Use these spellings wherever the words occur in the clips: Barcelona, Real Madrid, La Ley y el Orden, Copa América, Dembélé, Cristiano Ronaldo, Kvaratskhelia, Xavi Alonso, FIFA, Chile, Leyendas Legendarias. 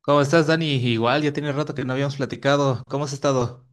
¿Cómo estás, Dani? Igual, ya tiene rato que no habíamos platicado. ¿Cómo has estado?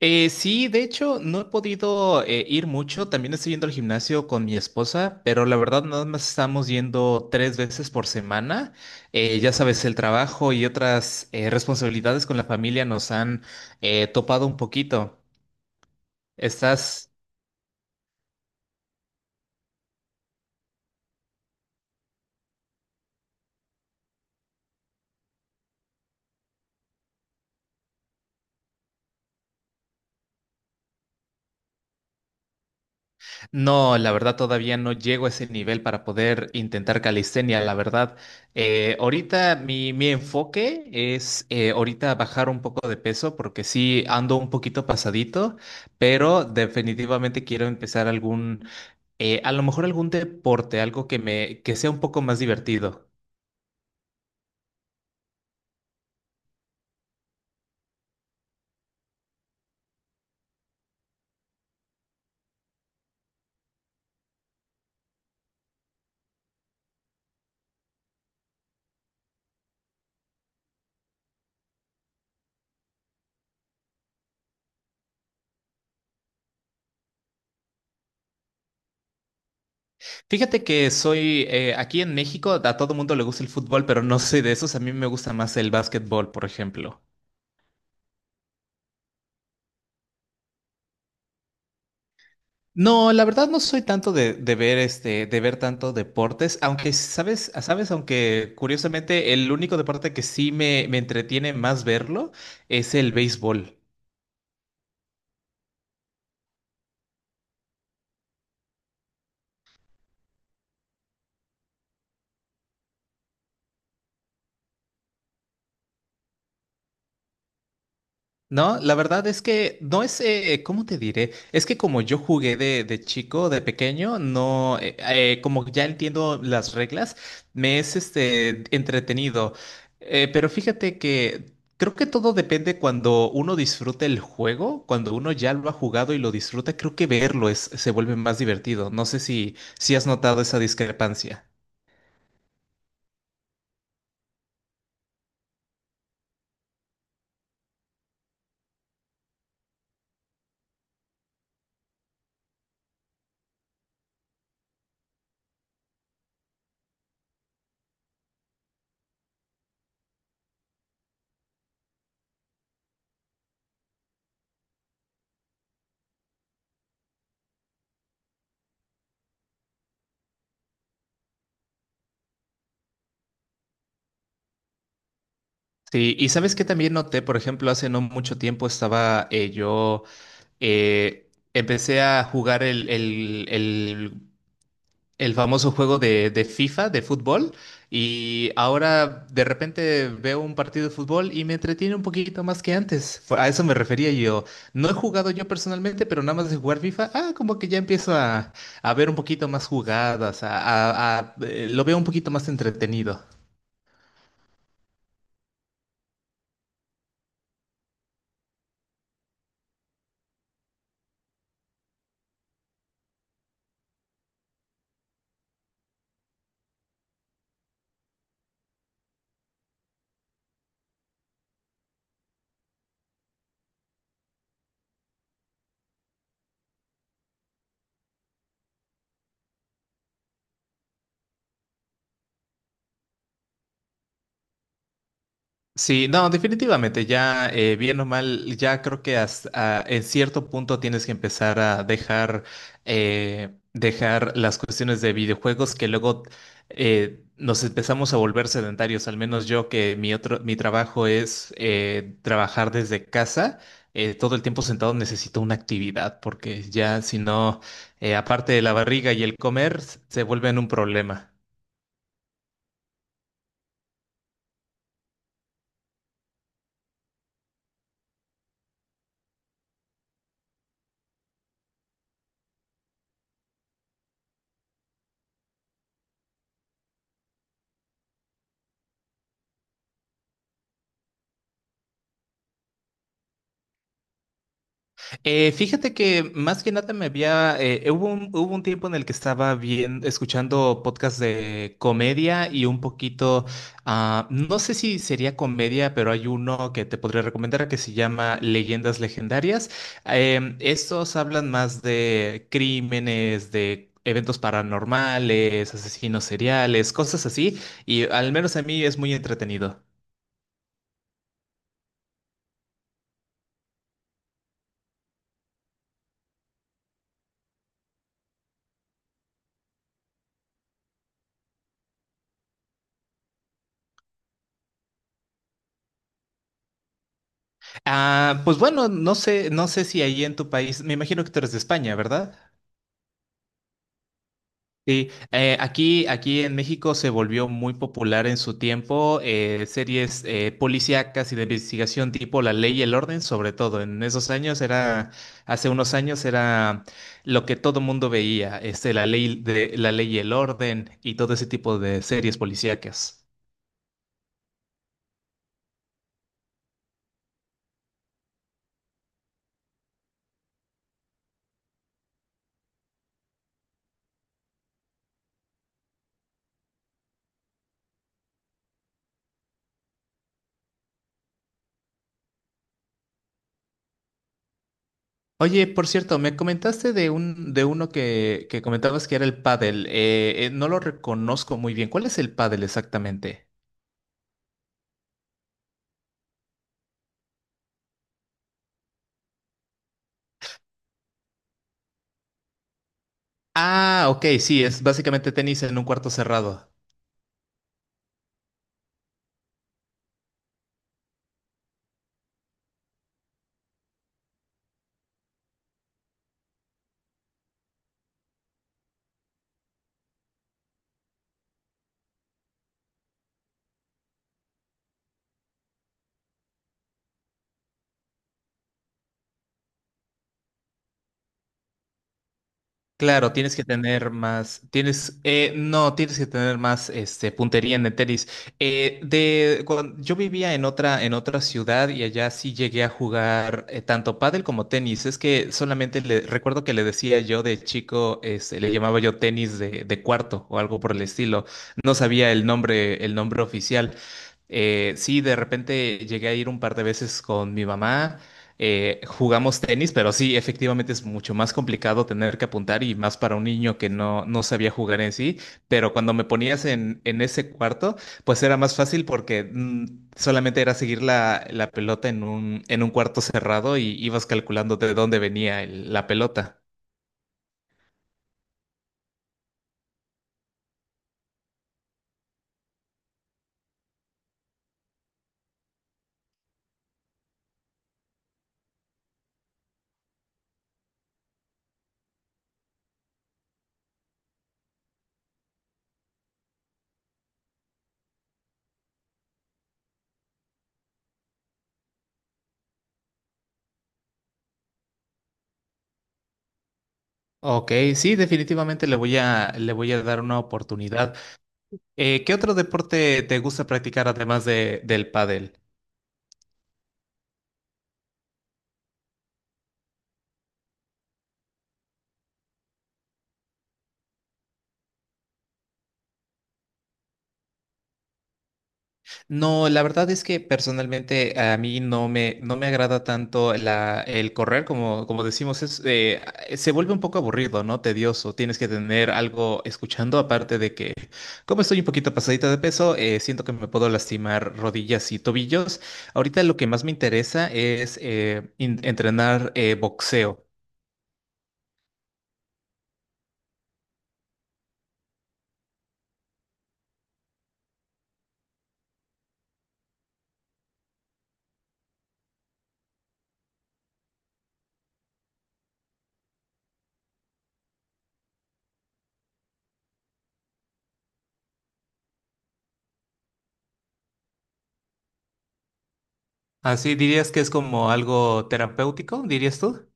Sí, de hecho, no he podido ir mucho. También estoy yendo al gimnasio con mi esposa, pero la verdad nada más estamos yendo tres veces por semana. Ya sabes, el trabajo y otras responsabilidades con la familia nos han topado un poquito. ¿Estás? No, la verdad todavía no llego a ese nivel para poder intentar calistenia, la verdad. Ahorita mi enfoque es ahorita bajar un poco de peso porque sí ando un poquito pasadito, pero definitivamente quiero empezar a lo mejor algún deporte, algo que que sea un poco más divertido. Fíjate que soy aquí en México, a todo mundo le gusta el fútbol, pero no soy de esos, a mí me gusta más el básquetbol, por ejemplo. No, la verdad no soy tanto de ver este, de ver tanto deportes, aunque sabes, aunque curiosamente el único deporte que sí me entretiene más verlo es el béisbol. No, la verdad es que no es, ¿cómo te diré? Es que como yo jugué de chico, de pequeño, no, como ya entiendo las reglas, me es este entretenido. Pero fíjate que creo que todo depende cuando uno disfrute el juego, cuando uno ya lo ha jugado y lo disfruta, creo que verlo es, se vuelve más divertido. No sé si has notado esa discrepancia. Sí, y sabes que también noté, por ejemplo, hace no mucho tiempo estaba yo, empecé a jugar el famoso juego de FIFA, de fútbol, y ahora de repente veo un partido de fútbol y me entretiene un poquito más que antes. A eso me refería yo. No he jugado yo personalmente, pero nada más de jugar FIFA, ah, como que ya empiezo a ver un poquito más jugadas, lo veo un poquito más entretenido. Sí, no, definitivamente, ya bien o mal, ya creo que hasta, ah, en cierto punto tienes que empezar a dejar, dejar las cuestiones de videojuegos que luego nos empezamos a volver sedentarios, al menos yo que mi otro, mi trabajo es trabajar desde casa, todo el tiempo sentado necesito una actividad, porque ya si no, aparte de la barriga y el comer, se vuelven un problema. Fíjate que más que nada me había, hubo un tiempo en el que estaba bien escuchando podcasts de comedia y un poquito, ah, no sé si sería comedia, pero hay uno que te podría recomendar que se llama Leyendas Legendarias. Estos hablan más de crímenes, de eventos paranormales, asesinos seriales, cosas así, y al menos a mí es muy entretenido. Ah, pues bueno, no sé, no sé si ahí en tu país, me imagino que tú eres de España, ¿verdad? Sí, aquí en México se volvió muy popular en su tiempo series policíacas y de investigación tipo La Ley y el Orden, sobre todo. En esos años era, hace unos años era lo que todo mundo veía, este, La Ley y el Orden y todo ese tipo de series policíacas. Oye, por cierto, me comentaste de un, de uno que comentabas que era el pádel. No lo reconozco muy bien. ¿Cuál es el pádel exactamente? Ah, ok, sí, es básicamente tenis en un cuarto cerrado. Claro, tienes que tener más, tienes, no, tienes que tener más, este, puntería en el tenis. Yo vivía en otra ciudad y allá sí llegué a jugar tanto pádel como tenis. Es que solamente recuerdo que le decía yo de chico, este, le llamaba yo tenis de cuarto o algo por el estilo. No sabía el nombre oficial. Sí, de repente llegué a ir un par de veces con mi mamá. Eh, jugamos tenis, pero sí, efectivamente es mucho más complicado tener que apuntar y más para un niño que no sabía jugar en sí, pero cuando me ponías en ese cuarto, pues era más fácil porque solamente era seguir la pelota en un cuarto cerrado y ibas calculando de dónde venía la pelota. Ok, sí, definitivamente le voy a dar una oportunidad. ¿Qué otro deporte te gusta practicar además del pádel? No, la verdad es que personalmente a mí no me agrada tanto la, el correr, como, como decimos, es, se vuelve un poco aburrido, ¿no? Tedioso, tienes que tener algo escuchando, aparte de que como estoy un poquito pasadita de peso, siento que me puedo lastimar rodillas y tobillos. Ahorita lo que más me interesa es entrenar boxeo. ¿Así dirías que es como algo terapéutico, dirías tú?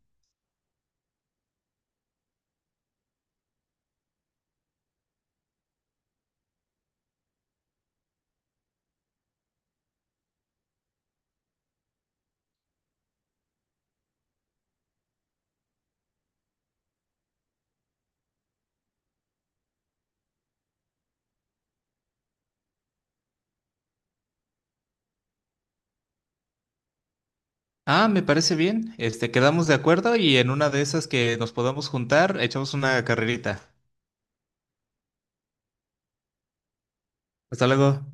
Ah, me parece bien. Este, quedamos de acuerdo y en una de esas que nos podamos juntar, echamos una carrerita. Hasta luego.